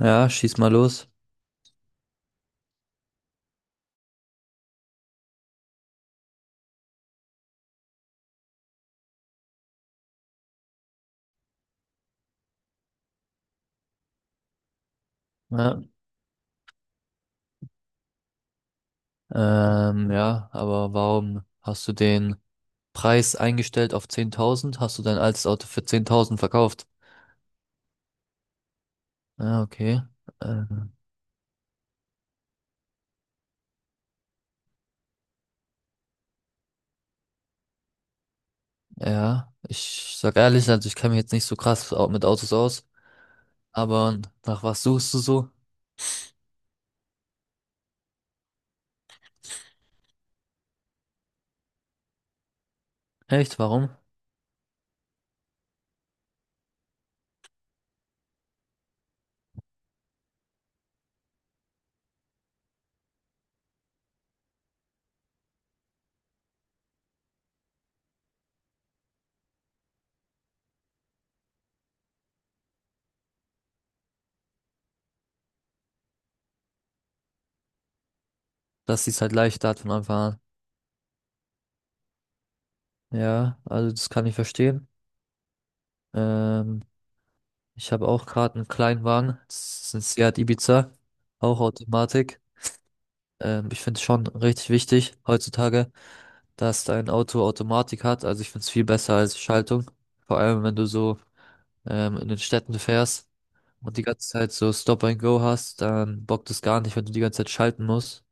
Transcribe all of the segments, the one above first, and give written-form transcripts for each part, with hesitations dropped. Ja, schieß mal los. Ja, ja, aber warum hast du den Preis eingestellt auf 10.000? Hast du dein altes Auto für 10.000 verkauft? Ja, okay. Ähm, ja, ich sag ehrlich, also ich kenne mich jetzt nicht so krass mit Autos aus, aber nach was suchst du so? Echt, warum? Dass sie es halt leichter hat von Anfang an. Ja, also das kann ich verstehen. Ähm, Ich habe auch gerade einen Kleinwagen, das ist ein Seat Ibiza, auch Automatik. Ich finde es schon richtig wichtig heutzutage, dass dein Auto Automatik hat. Also ich finde es viel besser als Schaltung. Vor allem, wenn du so in den Städten fährst und die ganze Zeit so Stop and Go hast, dann bockt es gar nicht, wenn du die ganze Zeit schalten musst.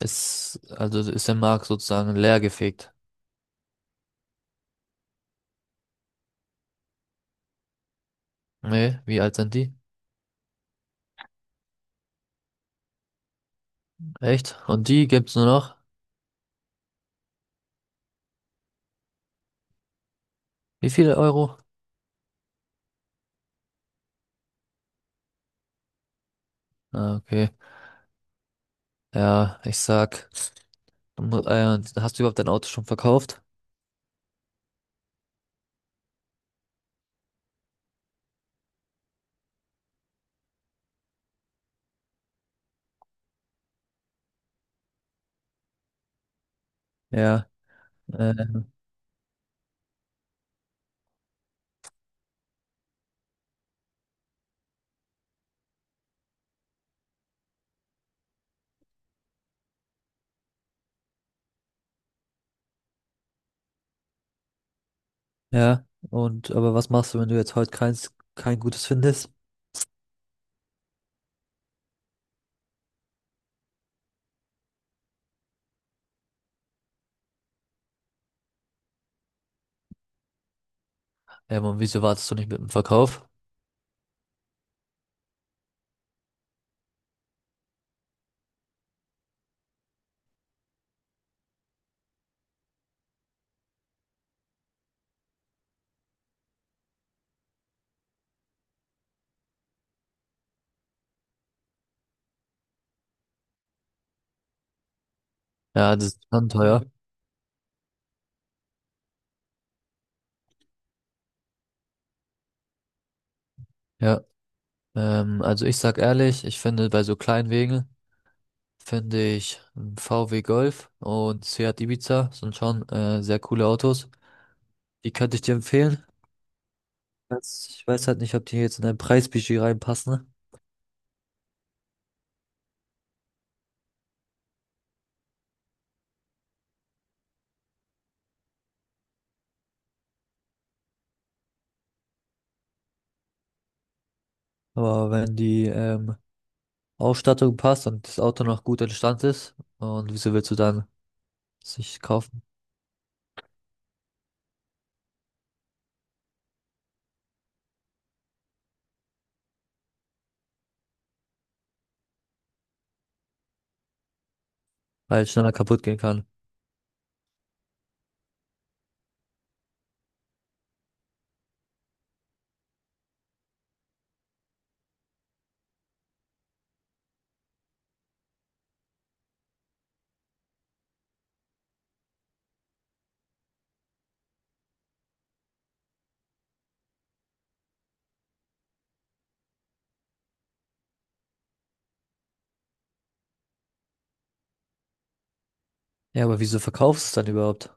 Also ist der Markt sozusagen leer gefegt. Nee, wie alt sind die? Echt? Und die gibt's nur noch? Wie viele Euro? Ah, okay. Ja, ich sag, Hast du überhaupt dein Auto schon verkauft? Ja. Äh, Ja, aber was machst du, wenn du jetzt heute kein gutes findest? Und wieso wartest du nicht mit dem Verkauf? Ja, das ist dann teuer. Ja. Also ich sag ehrlich, ich finde bei so kleinen Wegen finde ich ein VW Golf und Seat Ibiza sind schon sehr coole Autos. Die könnte ich dir empfehlen. Ich weiß halt nicht, ob die jetzt in dein Preisbudget reinpassen, aber wenn die Ausstattung passt und das Auto noch gut in Stand ist, und wieso willst du dann sich kaufen, weil es schneller kaputt gehen kann? Ja, aber wieso verkaufst du es dann überhaupt?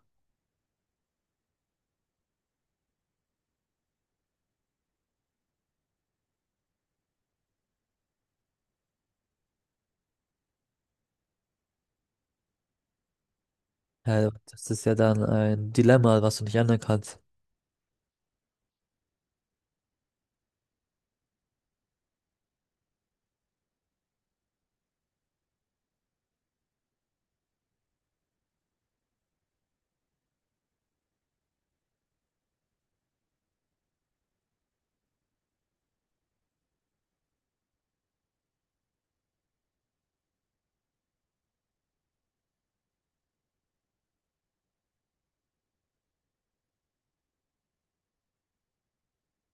Ja, das ist ja dann ein Dilemma, was du nicht ändern kannst.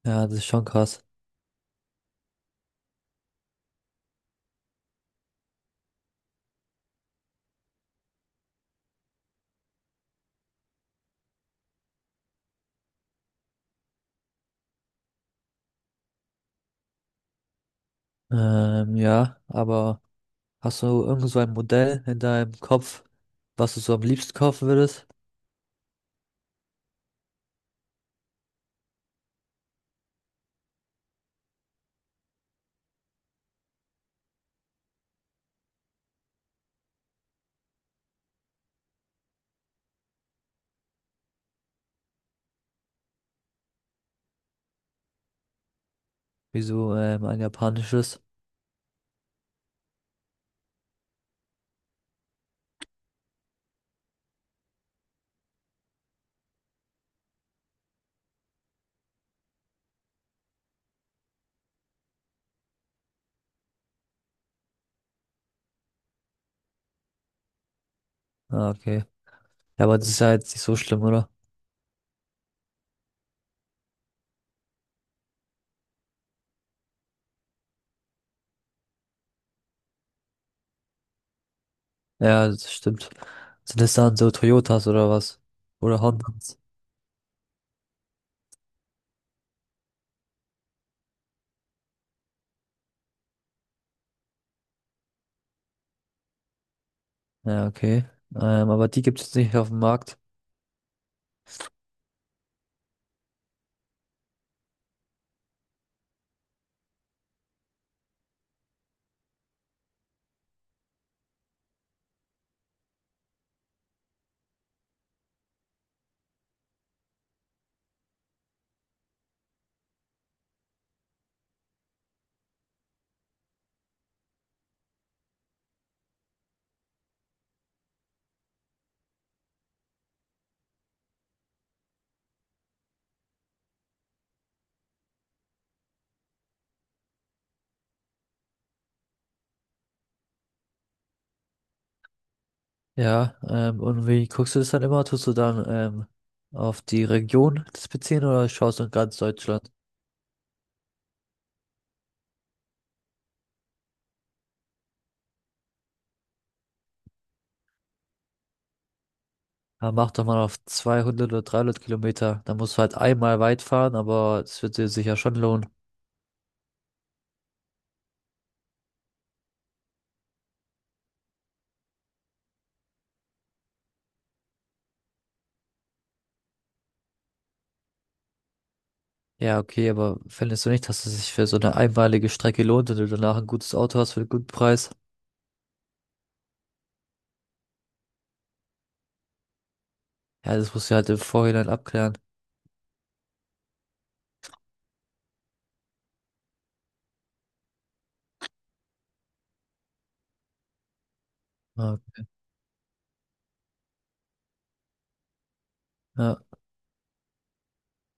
Ja, das ist schon krass. Ja, aber hast du irgend so ein Modell in deinem Kopf, was du so am liebsten kaufen würdest? Wieso ein japanisches? Ah, okay. Ja, aber das ist ja jetzt nicht so schlimm, oder? Ja, das stimmt. Sind das dann so Toyotas oder was? Oder Hondas? Ja, okay. Aber die gibt es nicht auf dem Markt. Ja, und wie guckst du das dann immer? Tust du dann auf die Region das beziehen oder schaust du in ganz Deutschland? Ja, mach doch mal auf 200 oder 300 Kilometer. Dann musst du halt einmal weit fahren, aber es wird dir sicher schon lohnen. Ja, okay, aber findest du nicht, dass es sich für so eine einmalige Strecke lohnt und du danach ein gutes Auto hast für einen guten Preis? Ja, das musst du halt im Vorhinein abklären. Ja, ja.